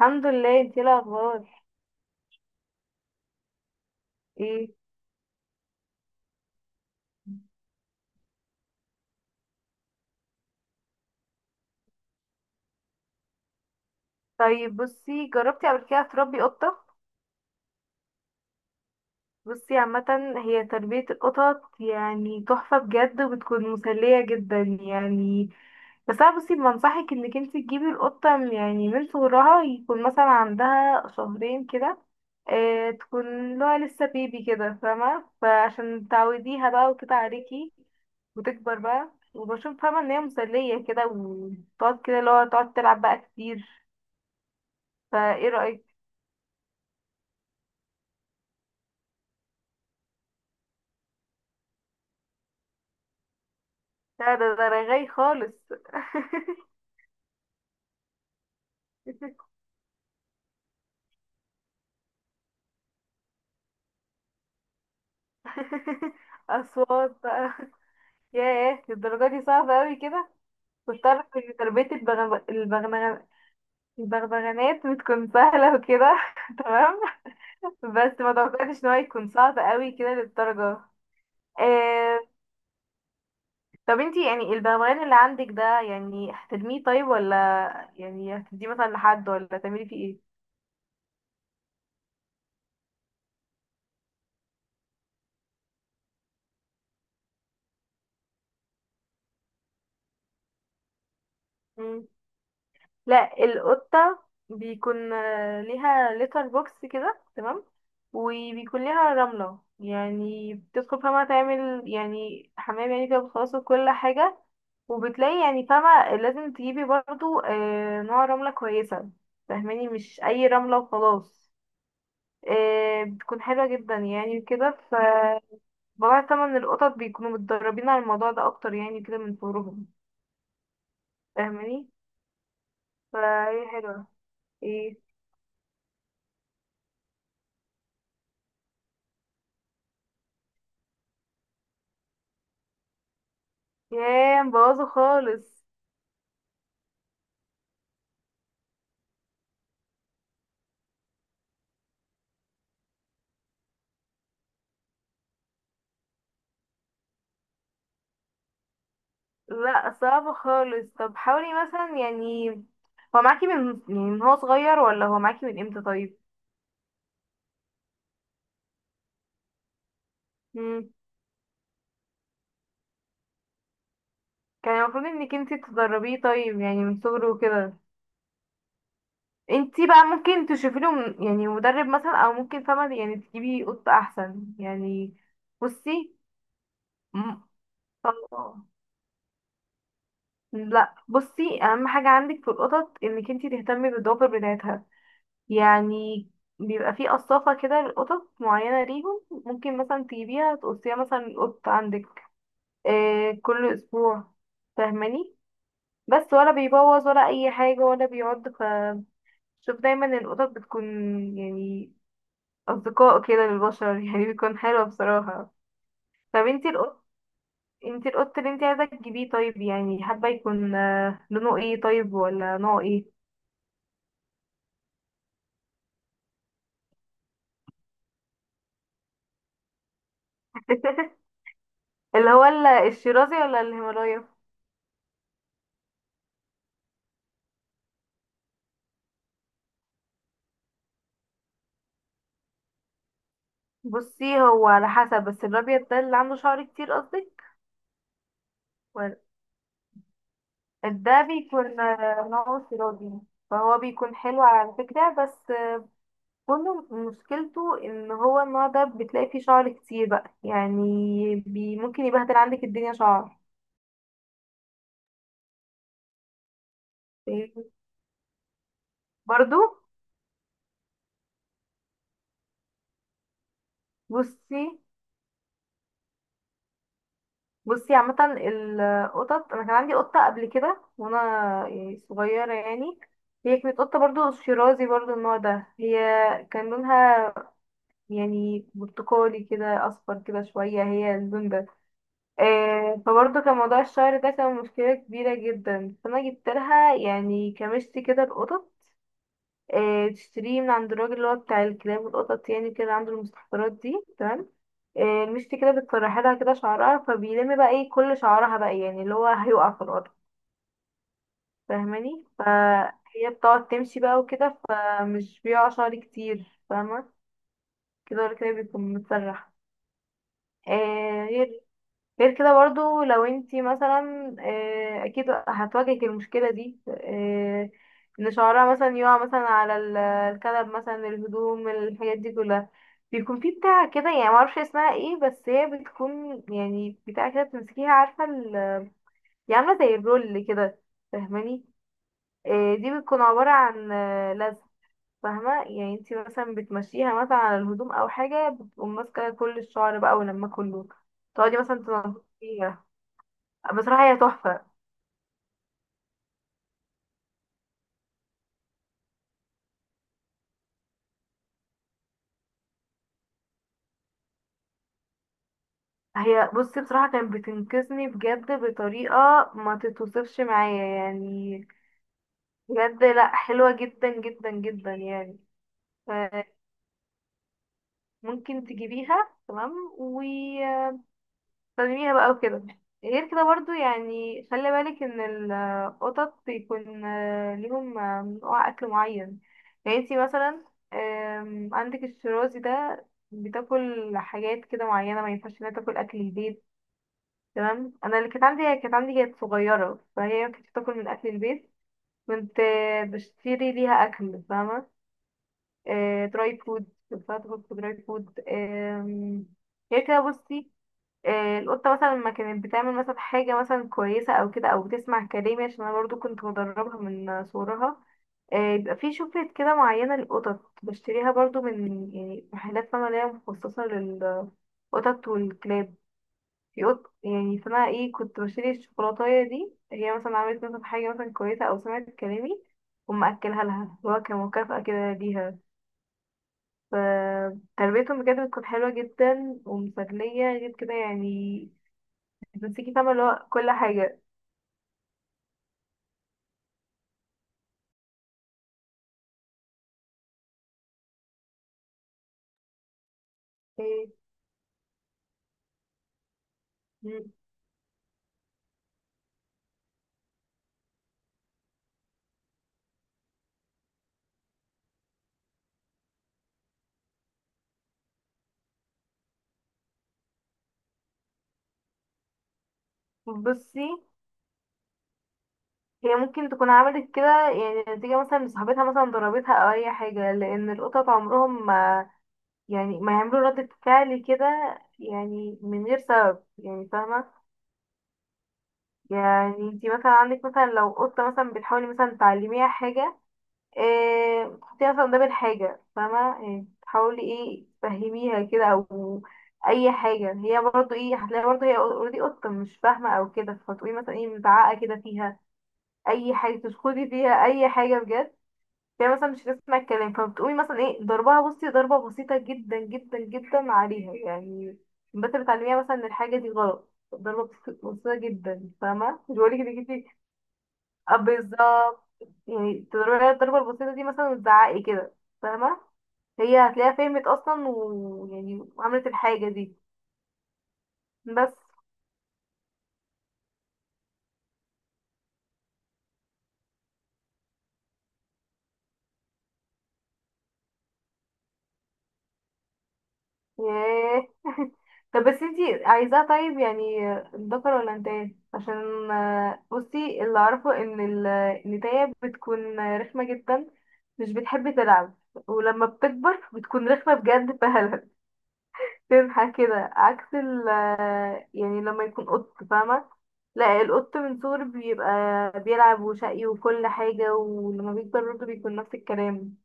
الحمد لله. انتي ايه الاخبار؟ ايه. طيب بصي، جربتي قبل كده تربي قطة؟ بصي عامة، هي تربية القطط يعني تحفة بجد، وبتكون مسلية جدا يعني. بس انا بصي بنصحك انك انتي تجيبي القطة يعني من صغرها، يكون مثلا عندها شهرين كده. اه، تكون لها لسه بيبي كده، فاهمة؟ فعشان تعوديها بقى وكده عليكي. وتكبر بقى، وبشوف فاهمة ان هي مسلية كده، وتقعد كده اللي هو تقعد تلعب بقى كتير. فايه رأيك؟ لا، ده رغاي خالص. اصوات بقى. ياه، الدرجة دي صعبة قوي كده. كنت اعرف ان تربية البغبغانات بتكون سهلة وكده. تمام. بس ما توقعتش ان هو يكون صعب قوي كده للدرجة. آه... طب انتي يعني البغبغان اللي عندك ده يعني هترميه طيب، ولا يعني هتديه مثلا لحد، ولا تعملي فيه ايه؟ لا، القطة بيكون ليها لتر بوكس كده، تمام. وبيكون ليها رملة، يعني بتدخل فما تعمل يعني حمام يعني كده بتخلص كل حاجة. وبتلاقي يعني فاهمة لازم تجيبي برضو نوع رملة كويسة. فاهماني؟ مش أي رملة وخلاص. بتكون حلوة جدا يعني كده. ف بضاعة تمن القطط بيكونوا متدربين على الموضوع ده أكتر يعني كده من صغرهم. فاهماني؟ فهي حلوة. ايه؟ ياه، مبوظه خالص. لا، صعب خالص. طب حاولي مثلا يعني. هو معاكي من يعني من هو صغير، ولا هو معاكي من امتى طيب؟ مم. كان المفروض انك انتي تدربيه طيب يعني من صغره وكده. انتي بقى ممكن تشوفي له يعني مدرب مثلا، او ممكن فاهمة يعني تجيبي قط احسن يعني. بصي. م- اه، لا بصي اهم حاجة عندك في القطط انك انتي تهتمي بالدوبر بتاعتها. يعني بيبقى فيه قصافة كده لقطط معينة ليهم. ممكن مثلا تجيبيها تقصيها مثلا القط عندك آه كل أسبوع. فاهماني؟ بس ولا بيبوظ ولا أي حاجة ولا بيعض. فشوف دايما القطط بتكون يعني أصدقاء كده للبشر. يعني بيكون حلوة بصراحة. طب انتي القط اللي انتي عايزة تجيبيه طيب، يعني حابة يكون لونه ايه طيب، ولا نوعه ايه؟ اللي هو الشيرازي، ولا الهيمالايا؟ بصي، هو على حسب، بس الابيض ده اللي عنده شعر كتير قصدك؟ ولا- ده بيكون نوعه سرادي. فهو بيكون حلو على فكرة، بس كله مشكلته ان هو النوع ده بتلاقي فيه شعر كتير بقى يعني. ممكن يبهدل عندك الدنيا شعر. فاهمني؟ برضو. بصي بصي عامة القطط، انا كان عندي قطة قبل كده وانا يعني صغيرة يعني. هي كانت قطة برضو شيرازي، برضو النوع ده. هي كان لونها يعني برتقالي كده اصفر كده شويه، هي البنبه. آه، فبرضه كان موضوع الشعر ده كان مشكله كبيره جدا. فانا جبت لها يعني كمشتي كده القطط. آه، تشتريه من عند الراجل اللي هو بتاع الكلاب والقطط يعني كده عنده المستحضرات دي. تمام. آه، المشتي كده بتسرحي لها كده شعرها فبيلم بقى ايه كل شعرها بقى يعني اللي هو هيقع في الارض. فاهماني؟ فهي بتقعد تمشي بقى وكده، فمش بيقع شعر كتير. فاهمه كده، ولا كده بيكون متسرح. آه، غير كده برضو لو انتي مثلا اكيد هتواجهك المشكلة دي ان شعرها مثلا يقع مثلا على الكنب مثلا، الهدوم، الحاجات دي كلها. بيكون في بتاع كده يعني معرفش اسمها ايه، بس هي بتكون يعني بتاع كده بتمسكيها، عارفة هي عاملة زي الرول كده. فاهماني؟ دي بتكون عبارة عن لزق. فاهمة؟ يعني انتي مثلا بتمشيها مثلا على الهدوم او حاجة، بتقوم ماسكة كل الشعر بقى، ولما كله تقعدي مثلا تنظفيها. بصراحة هي تحفة. هي بصي بصراحة كانت بتنقذني بجد بطريقة ما تتوصفش معايا يعني. بجد لا حلوة جدا جدا جدا يعني. ف- ممكن تجيبيها، تمام، وتستخدميها بقى وكده. غير كده برضو يعني خلي بالك ان القطط بيكون ليهم نوع اكل معين. يعني انتي مثلا عندك الشرازي ده بتاكل حاجات كده معينة، ما ينفعش انها تاكل اكل البيت. تمام. انا اللي كانت عندي كانت صغيره، فهي كانت بتاكل من اكل البيت. كنت بشتري ليها اكل فاهمه دراي فود، كنت باكل في دراي فود. هي كده بصي. القطه مثلا لما كانت بتعمل مثلا حاجه مثلا كويسه او كده، او بتسمع كلامي، عشان انا برضو كنت مدربها من صغرها. يبقى في شوكليت كده معينه للقطط بشتريها برضو من يعني محلات، فاهمه؟ اللي هي مخصصه للقطط والكلاب. في قط يعني اسمها ايه، كنت بشتري الشوكولاتاية دي. هي مثلا عملت مثلا حاجة مثلا كويسة، أو سمعت كلامي، وما أكلها لها اللي هو كمكافأة كده ليها. فتربيتهم بجد بتكون حلوة جدا ومسلية، غير كده يعني بتمسكي فاهمة اللي هو كل حاجة. إيه، م- بصي، هي ممكن تكون عملت كده يعني نتيجة مثلا لصاحبتها مثلا ضربتها أو أي حاجة، لأن القطط عمرهم ما يعملوا ردة فعل كده يعني من غير سبب يعني. فاهمة؟ يعني انتي مثلا عندك مثلا لو قطة مثلا بتحاولي مثلا تعلميها حاجة. اه، تحطيها مثلا قدام الحاجة فاهمة يعني، تحاولي ايه تفهميها كده او اي حاجة. هي برضو ايه هتلاقي برضو هي اوريدي قطة مش فاهمة او كده، فتقولي مثلا ايه متعقة كده فيها. اي حاجة تشخدي فيها اي حاجة بجد. هي مثلا مش هتسمع الكلام، فبتقومي مثلا ايه ضربها. بصي، ضربة بسيطة جدا جدا جدا عليها يعني، بس بتعلميها مثلا ان الحاجة دي غلط. ضربة بسيطة جدا فاهمة، مش بقولك انك انتي. بالظبط. يعني تضربي الضربة البسيطة دي مثلا وتزعقي كده. فاهمة؟ هي هتلاقيها فهمت أصلا ويعني وعملت الحاجة دي. بس ياه. طب بس انتي عايزاه طيب يعني ذكر ولا انتايه؟ عشان بصي اللي أعرفه إن النتاية بتكون رخمة جدا، مش بتحب تلعب، ولما بتكبر بتكون رخمة بجد فهلها تنحى كده، عكس ال يعني لما يكون قط. فاهمة؟ لا، القط من صغره بيبقى بيلعب وشقي وكل حاجة، ولما بيكبر برضه بيكون نفس الكلام.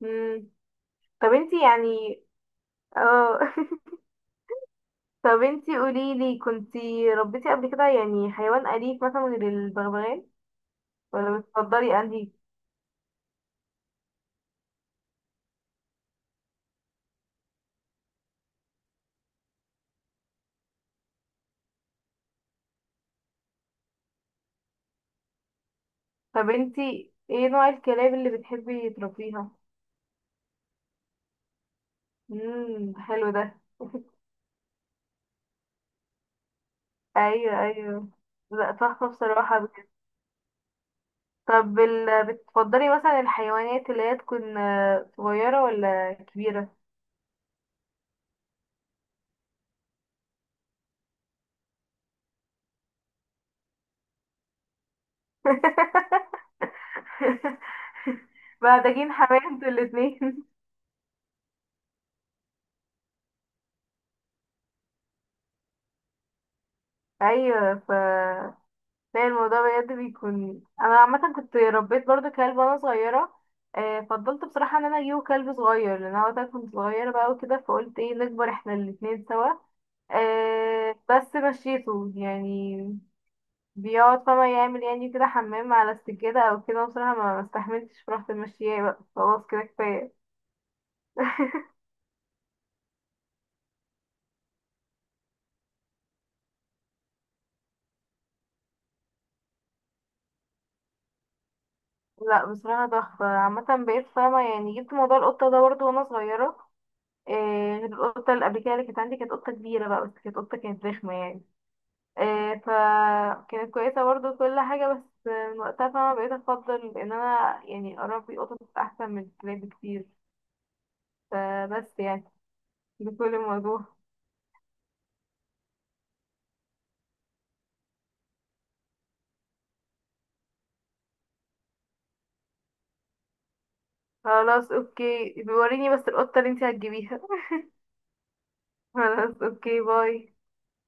مم. طب انتي يعني اه طب انتي قوليلي كنتي ربيتي قبل كده يعني حيوان أليف مثلا غير البغبغان ولا بتفضلي أنهي؟ طب انتي ايه نوع الكلاب اللي بتحبي تربيها؟ امم، حلو ده. ايوه ايوه. لا تحفة بصراحة. طب بتفضلي مثلا الحيوانات اللي هي تكون صغيرة ولا كبيرة؟ محتاجين حماية انتوا الاتنين. ايوه ف. لا، الموضوع بجد بيكون انا عامة كنت ربيت برضو كلب وانا صغيرة. فضلت بصراحة ان انا اجيبه كلب صغير، لان انا وقتها كنت صغيرة بقى وكده، فقلت ايه نكبر احنا الاتنين سوا. بس مشيته يعني بيقعد فما يعمل يعني كده حمام على السجادة او كده. بصراحة ما استحملتش، رحت ماشياه بقى، خلاص كده كفاية. لا بصراحة تحفة. عامة بقيت فاهمة يعني جبت موضوع القطة ده برضه وانا صغيرة. إيه، غير القطة اللي قبل كده اللي كانت عندي كانت قطة كبيرة بقى، بس كانت قطة كانت رخمة يعني. إيه فكانت كويسة برضه كل حاجة، بس من وقتها فاهمة بقيت أفضل إن أنا يعني أربي قطط أحسن من الكلاب بكتير. فبس يعني بكل الموضوع. خلاص اوكي، بيوريني بس القطة اللي انتي هتجيبيها. خلاص اوكي، باي.